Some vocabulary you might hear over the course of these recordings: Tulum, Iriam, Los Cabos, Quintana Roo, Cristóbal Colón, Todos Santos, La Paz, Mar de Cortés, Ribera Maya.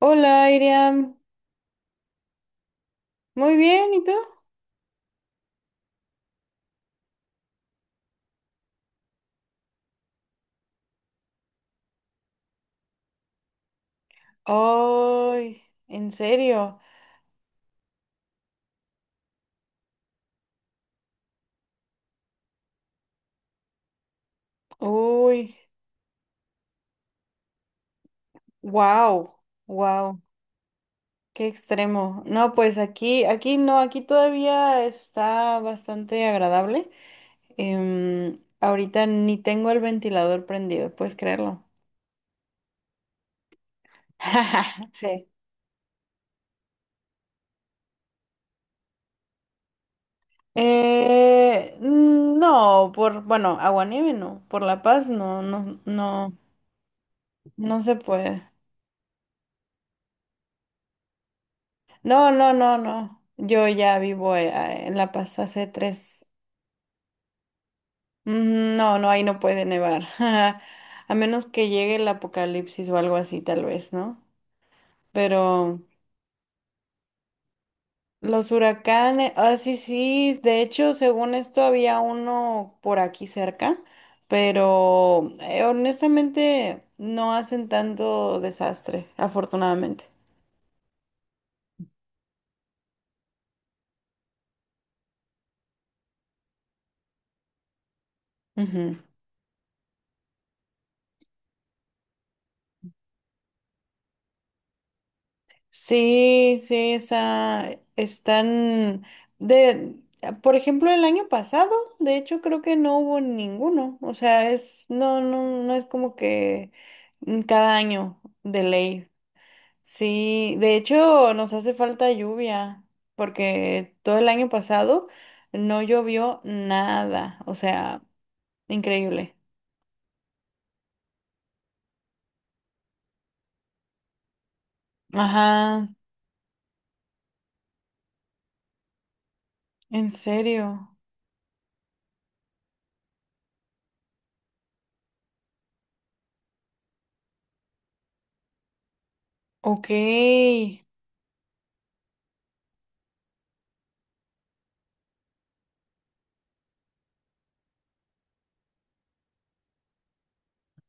Hola, Iriam. Muy bien, ¿y tú? Ay, ¿en serio? Uy, wow, wow, qué extremo. No, pues aquí, aquí no, aquí todavía está bastante agradable. Ahorita ni tengo el ventilador prendido, ¿puedes creerlo? Sí. No, bueno, aguanieve no, por La Paz no se puede. No. Yo ya vivo en La Paz hace tres. No, no, ahí no puede nevar. A menos que llegue el apocalipsis o algo así, tal vez, ¿no? Pero los huracanes, sí, sí. De hecho, según esto, había uno por aquí cerca, pero honestamente no hacen tanto desastre, afortunadamente. Ujú. Sí, sí, esa, están de, por ejemplo, el año pasado, de hecho, creo que no hubo ninguno. O sea, es, no es como que cada año de ley. Sí, de hecho, nos hace falta lluvia, porque todo el año pasado no llovió nada. O sea, increíble. Ajá, en serio. Ok.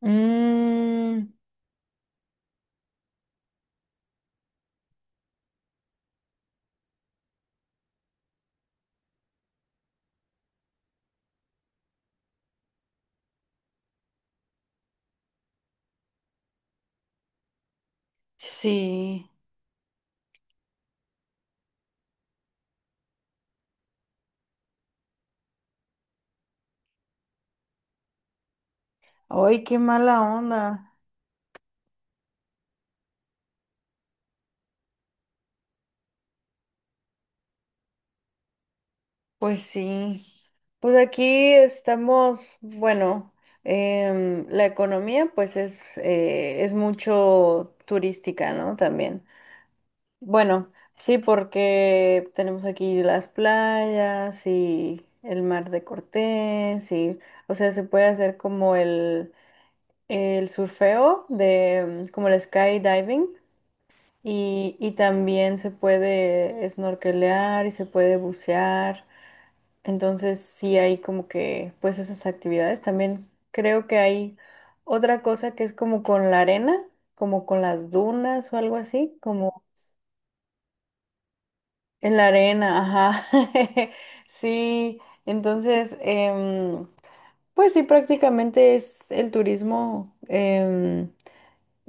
Mm, sí. Ay, qué mala onda. Pues sí. Pues aquí estamos, bueno, la economía pues es mucho turística, ¿no? También. Bueno, sí, porque tenemos aquí las playas y el mar de Cortés y, o sea, se puede hacer como el surfeo de, como el skydiving. Y también se puede snorkelear y se puede bucear. Entonces sí hay como que pues esas actividades. También creo que hay otra cosa que es como con la arena, como con las dunas o algo así, como en la arena, ajá. Sí, entonces pues sí prácticamente es el turismo.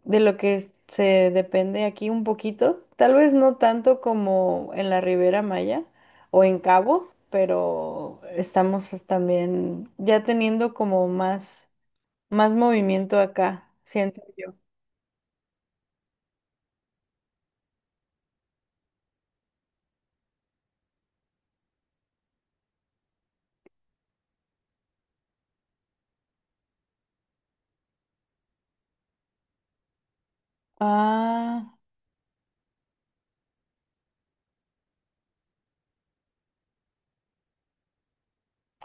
De lo que se depende aquí un poquito, tal vez no tanto como en la Ribera Maya o en Cabo, pero estamos también ya teniendo como más, más movimiento acá, siento yo. Ah,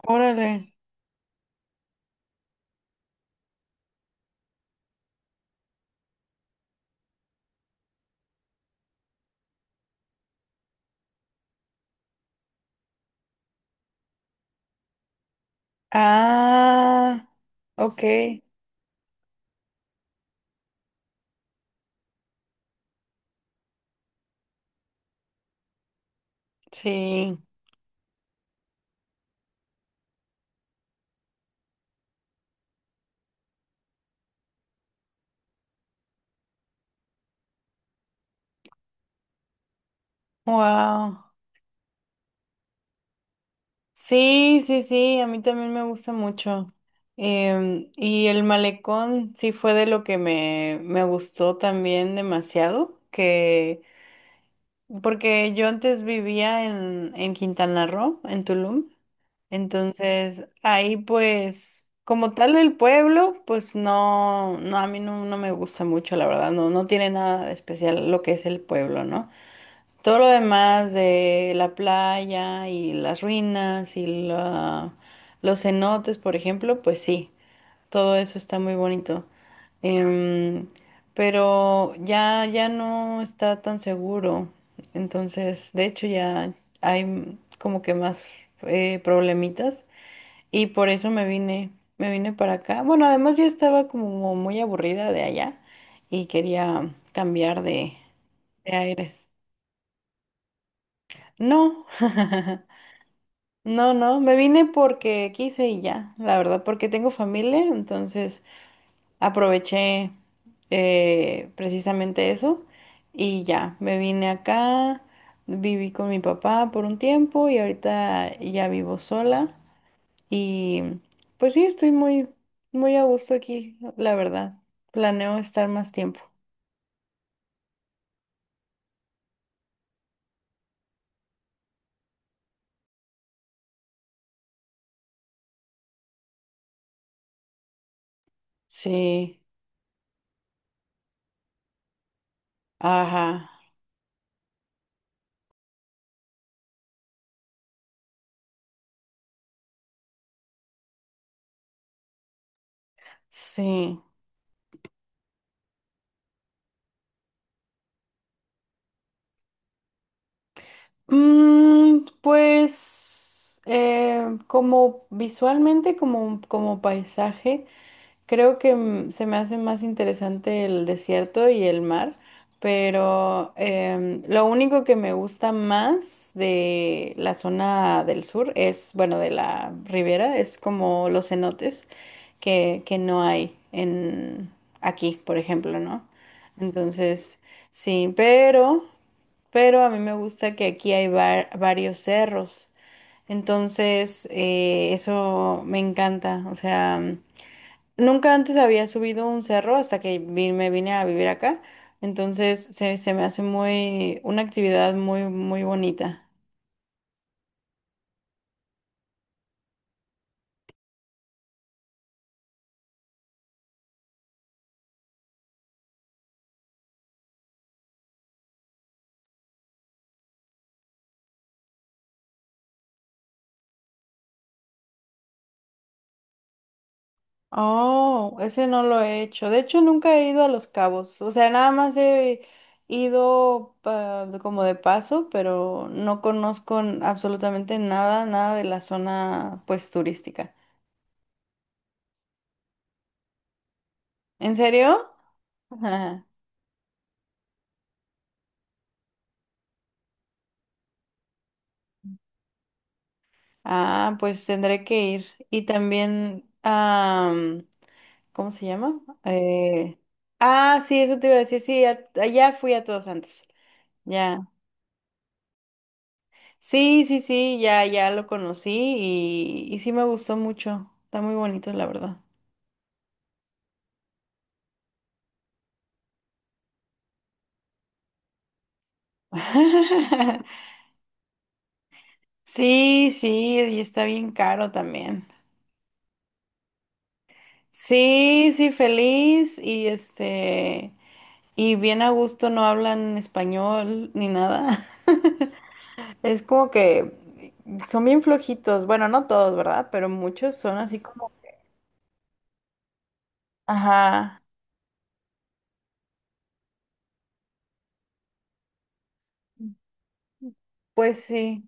órale. Ah, ok. Sí. Wow. Sí, sí, sí, a mí también me gusta mucho. Y el malecón sí fue de lo que me gustó también demasiado, que porque yo antes vivía en Quintana Roo, en Tulum, entonces ahí pues como tal el pueblo, pues no, no, a mí no, no me gusta mucho, la verdad, no, no tiene nada de especial lo que es el pueblo, ¿no? Todo lo demás de la playa y las ruinas y los cenotes, por ejemplo, pues sí, todo eso está muy bonito. Em, pero ya, ya no está tan seguro. Entonces, de hecho, ya hay como que más problemitas. Y por eso me vine para acá. Bueno, además ya estaba como muy aburrida de allá y quería cambiar de aires. No. No, no, me vine porque quise y ya, la verdad, porque tengo familia, entonces aproveché precisamente eso y ya, me vine acá, viví con mi papá por un tiempo y ahorita ya vivo sola y pues sí, estoy muy, muy a gusto aquí, la verdad. Planeo estar más tiempo. Sí, ajá, sí. Pues como visualmente, como, como paisaje, creo que se me hace más interesante el desierto y el mar, pero lo único que me gusta más de la zona del sur es, bueno, de la ribera, es como los cenotes que no hay en aquí, por ejemplo, ¿no? Entonces, sí, pero a mí me gusta que aquí hay varios cerros, entonces eso me encanta, o sea, nunca antes había subido un cerro hasta que me vine a vivir acá, entonces se me hace muy, una actividad muy, muy bonita. Oh, ese no lo he hecho. De hecho, nunca he ido a Los Cabos. O sea, nada más he ido como de paso, pero no conozco absolutamente nada, nada de la zona pues turística. ¿En serio? Ajá. Ah, pues tendré que ir. Y también, ¿cómo se llama? Ah, sí, eso te iba a decir. Sí, allá fui a Todos Santos. Ya. Sí, sí, sí, ya, ya lo conocí y sí me gustó mucho. Está muy bonito, la verdad. Sí, sí, y está bien caro también. Sí, sí, feliz y este. Y bien a gusto no hablan español ni nada. Es como que son bien flojitos. Bueno, no todos, ¿verdad? Pero muchos son así como... Ajá, pues sí.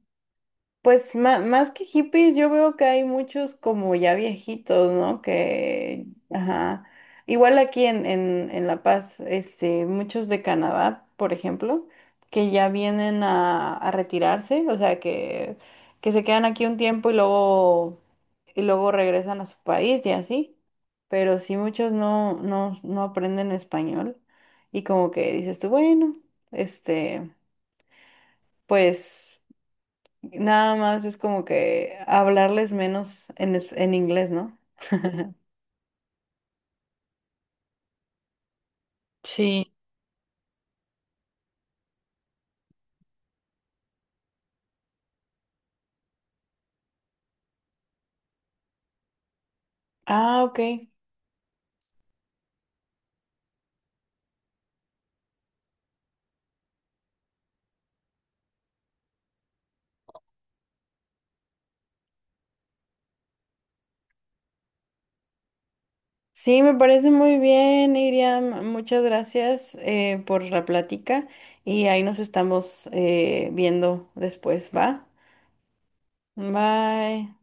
Pues más que hippies, yo veo que hay muchos como ya viejitos, ¿no? Que, ajá. Igual aquí en La Paz, este, muchos de Canadá, por ejemplo, que ya vienen a retirarse, o sea, que se quedan aquí un tiempo y luego regresan a su país y así. Pero sí, muchos no, no, no aprenden español y como que dices tú, bueno, este, pues nada más es como que hablarles menos en, en inglés, ¿no? Sí. Ah, ok. Sí, me parece muy bien, Iriam. Muchas gracias por la plática y ahí nos estamos viendo después, ¿va? Bye.